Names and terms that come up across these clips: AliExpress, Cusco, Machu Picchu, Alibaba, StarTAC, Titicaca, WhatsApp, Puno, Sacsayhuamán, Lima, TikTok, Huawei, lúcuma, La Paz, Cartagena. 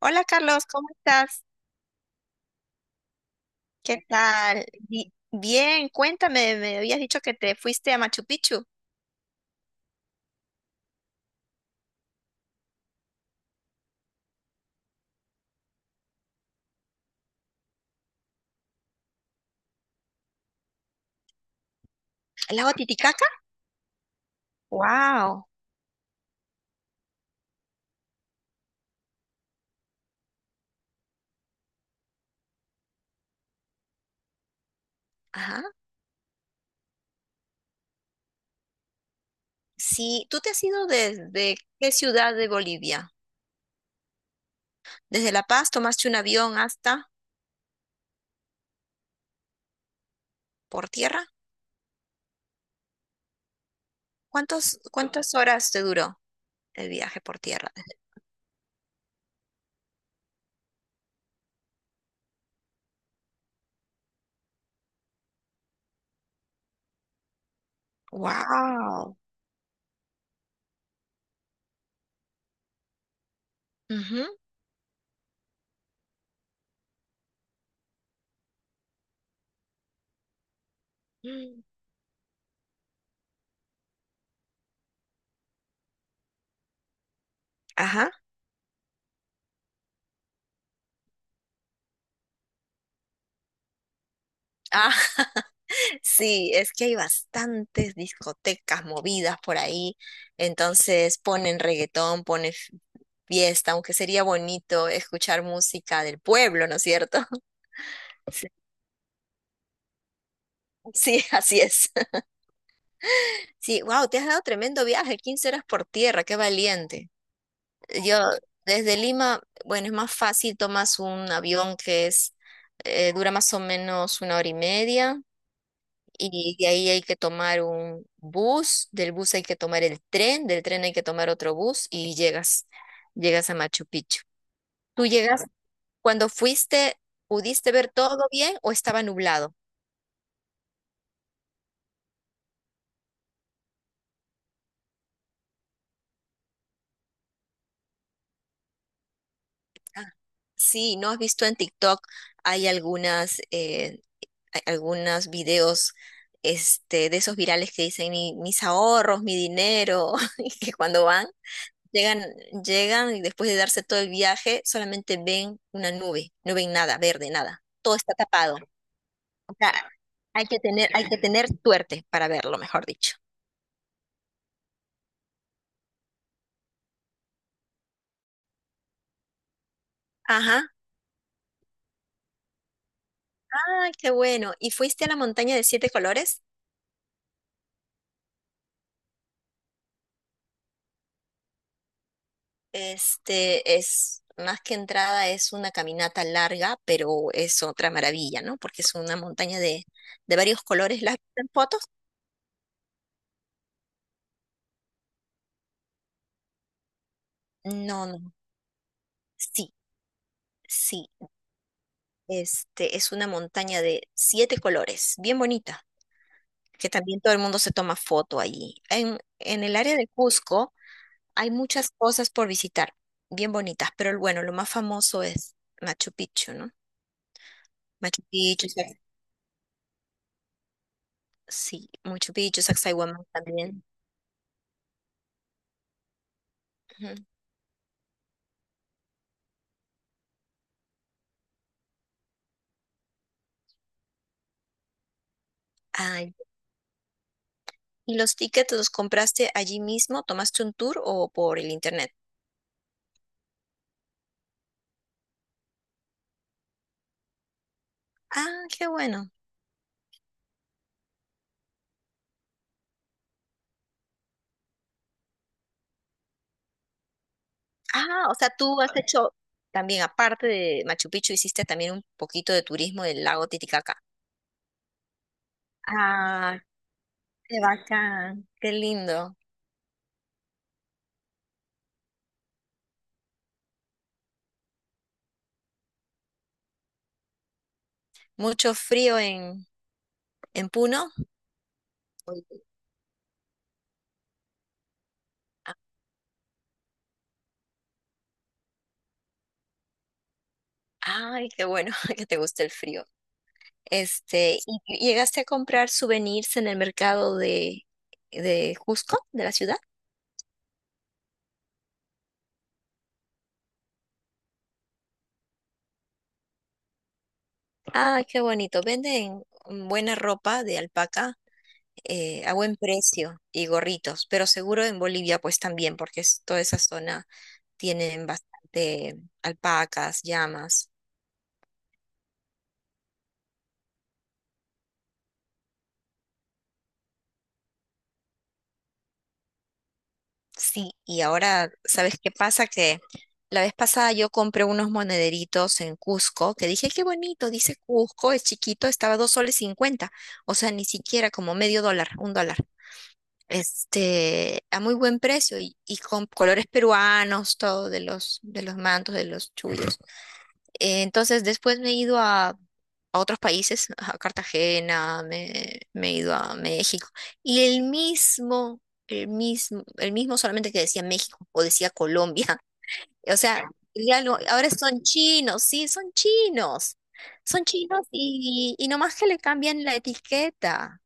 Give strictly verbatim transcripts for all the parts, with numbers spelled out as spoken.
Hola Carlos, ¿cómo estás? ¿Qué tal? Bi- Bien, cuéntame, me habías dicho que te fuiste a Machu Picchu, al lago Titicaca. Wow. Ajá. Sí, ¿tú te has ido desde qué ciudad de Bolivia? ¿Desde La Paz tomaste un avión hasta por tierra? ¿Cuántos, cuántas horas te duró el viaje por tierra? Wow. Ajá. Ah. Sí, es que hay bastantes discotecas movidas por ahí, entonces ponen reggaetón, ponen f- fiesta, aunque sería bonito escuchar música del pueblo, ¿no es cierto? Sí. Sí, así es. Sí, wow, te has dado tremendo viaje, quince horas por tierra, qué valiente. Yo desde Lima, bueno, es más fácil, tomas un avión que es, eh, dura más o menos una hora y media. Y de ahí hay que tomar un bus, del bus hay que tomar el tren, del tren hay que tomar otro bus y llegas, llegas a Machu Picchu. ¿Tú llegas cuando fuiste, pudiste ver todo bien o estaba nublado? Ah, sí, ¿no has visto en TikTok? Hay algunas, eh, hay algunos videos este, de esos virales que dicen "Mi- mis ahorros, mi dinero", y que cuando van llegan, llegan y después de darse todo el viaje, solamente ven una nube, no ven nada verde, nada. Todo está tapado. O sea, hay que tener, hay que tener suerte para verlo, mejor dicho. Ajá. Ay, qué bueno. ¿Y fuiste a la montaña de siete colores? Este es más que entrada, es una caminata larga, pero es otra maravilla, ¿no? Porque es una montaña de, de varios colores. ¿Las has visto en fotos? No, no. Sí, sí. Este es una montaña de siete colores, bien bonita, que también todo el mundo se toma foto allí. En, en el área de Cusco hay muchas cosas por visitar, bien bonitas, pero bueno, lo más famoso es Machu Picchu, ¿no? Machu Picchu, Sac- sí, Machu Picchu, Sacsayhuamán también. Ujú. Ay, ¿y los tickets los compraste allí mismo? ¿Tomaste un tour o por el internet? Ah, qué bueno. Ah, o sea, tú has hecho también, aparte de Machu Picchu, hiciste también un poquito de turismo del lago Titicaca. Ah, qué bacán, qué lindo. Mucho frío en, en Puno. Uy, a- Ay, qué bueno que te guste el frío. Este, ¿y y llegaste a comprar souvenirs en el mercado de, de Cusco, de la ciudad? Ay, qué bonito. Venden buena ropa de alpaca, eh, a buen precio y gorritos, pero seguro en Bolivia pues también, porque es- toda esa zona tienen bastante alpacas, llamas. Sí, y ahora, ¿sabes qué pasa? Que la vez pasada yo compré unos monederitos en Cusco, que dije, qué bonito, dice Cusco, es chiquito, estaba dos soles cincuenta, o sea, ni siquiera como medio dólar, un dólar. Este, a muy buen precio y, y con colores peruanos, todo de los, de los mantos, de los chullos. Eh, Entonces después me he ido a, a otros países, a Cartagena, me, me he ido a México. Y el mismo, el mismo, el mismo solamente que decía México o decía Colombia. O sea, ya no- ahora son chinos, sí, son chinos. Son chinos y, y nomás que le cambian la etiqueta.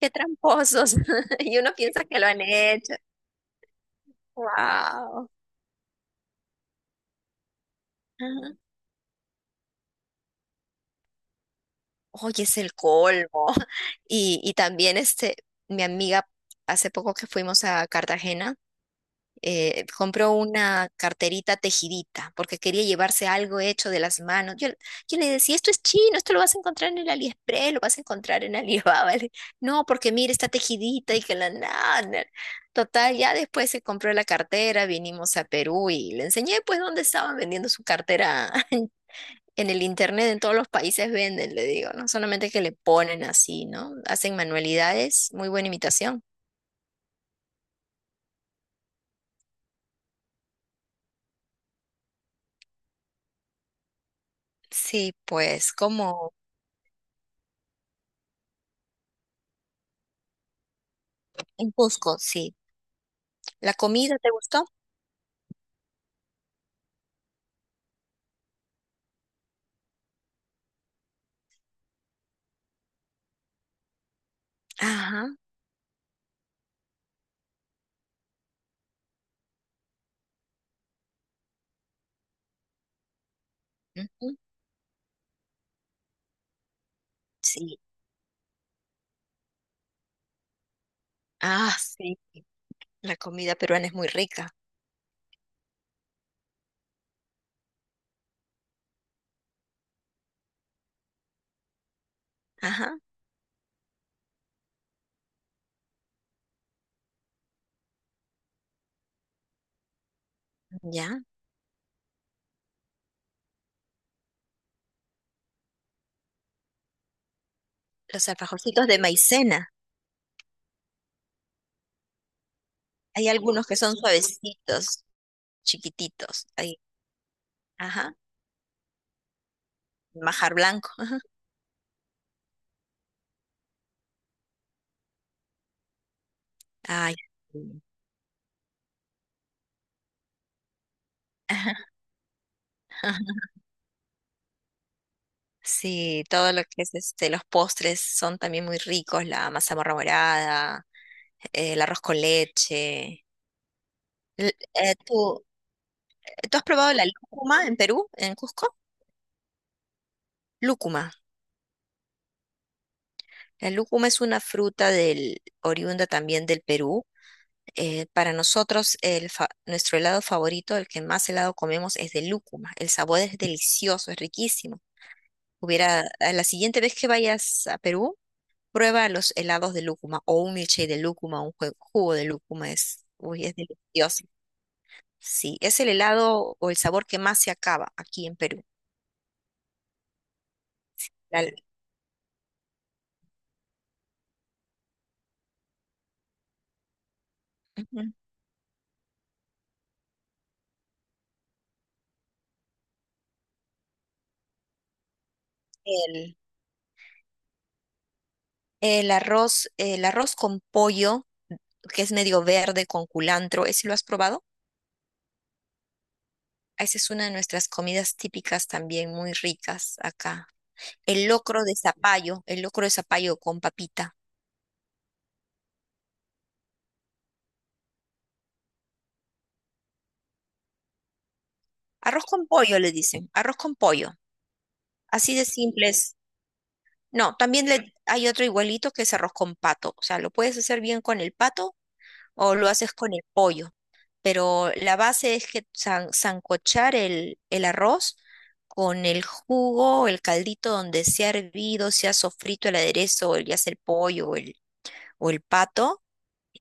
Qué tramposos. Y uno piensa que lo han hecho. Wow. Oye, es el colmo. Y, y también este, mi amiga, hace poco que fuimos a Cartagena, eh, compró una carterita tejidita porque quería llevarse algo hecho de las manos. Yo, yo le decía, esto es chino, esto lo vas a encontrar en el AliExpress, lo vas a encontrar en Alibaba. Le- No, porque mira, está tejidita y que la nada. Total, ya después se compró la cartera, vinimos a Perú y le enseñé pues dónde estaban vendiendo su cartera. En el internet, en todos los países venden, le digo, no solamente que le ponen así, ¿no? Hacen manualidades, muy buena imitación. Sí, pues, como en Cusco, sí. ¿La comida te gustó? Ajá. Ujú. Sí. Ah, sí. La comida peruana es muy rica. Ajá. Ya. Los alfajorcitos de maicena. Hay algunos que son suavecitos, chiquititos. Ahí. Ajá. Majar blanco. Ajá. Ay. Sí. Ajá. Sí, todo lo que es este, los postres son también muy ricos, la mazamorra morada, eh, el arroz con leche. L- eh, ¿tú, tú has probado la lúcuma en Perú, en Cusco? Lúcuma. La lúcuma es una fruta del, oriunda también del Perú. Eh, para nosotros, el fa- nuestro helado favorito, el que más helado comemos, es de lúcuma. El sabor es delicioso, es riquísimo. Hubiera, a la siguiente vez que vayas a Perú, prueba los helados de lúcuma o un milkshake de lúcuma, un jue- jugo de lúcuma. Es, uy, es delicioso. Sí, es el helado o el sabor que más se acaba aquí en Perú. La- Ujú. el, el arroz, el arroz con pollo, que es medio verde con culantro, ¿ese lo has probado? Esa es una de nuestras comidas típicas también muy ricas acá. El locro de zapallo, el locro de zapallo con papita. Arroz con pollo le dicen, arroz con pollo. Así de simples. No, también le, hay otro igualito que es arroz con pato. O sea, lo puedes hacer bien con el pato o lo haces con el pollo. Pero la base es que san- sancochar el, el arroz con el jugo, el caldito donde se ha hervido, se ha sofrito el aderezo, ya sea el pollo o el, o el pato,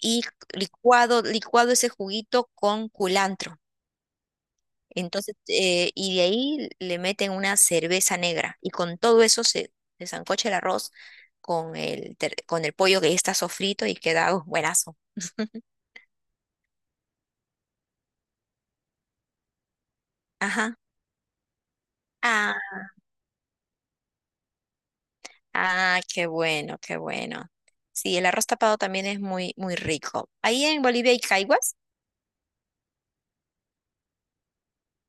y licuado, licuado ese juguito con culantro. Entonces, eh, y de ahí le meten una cerveza negra y con todo eso se, se sancocha el arroz con el, ter- con el pollo que ya está sofrito y queda uh, buenazo. Ajá. Ah, ah, qué bueno, qué bueno. Sí, el arroz tapado también es muy, muy rico. Ahí en Bolivia hay caiguas.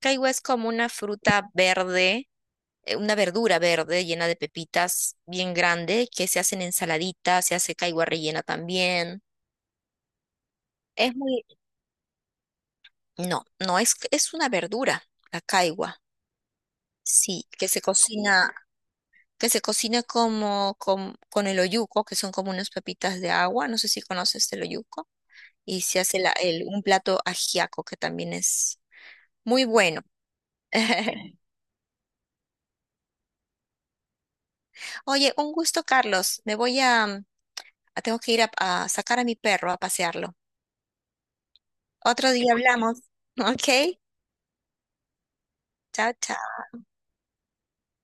Caigua es como una fruta verde, eh, una verdura verde llena de pepitas bien grande que se hacen ensaladitas, se hace caigua rellena también. Es muy No, no es, es una verdura, la caigua, sí, que se cocina, que se cocina como, con, con el oyuco, que son como unas pepitas de agua, no sé si conoces el oyuco, y se hace la- el- un plato ajiaco que también es muy bueno. Oye, un gusto, Carlos, me voy a, mm, a- tengo que ir a, a sacar a mi perro a pasearlo. Otro día hablamos, ¿ok? Chao, chao.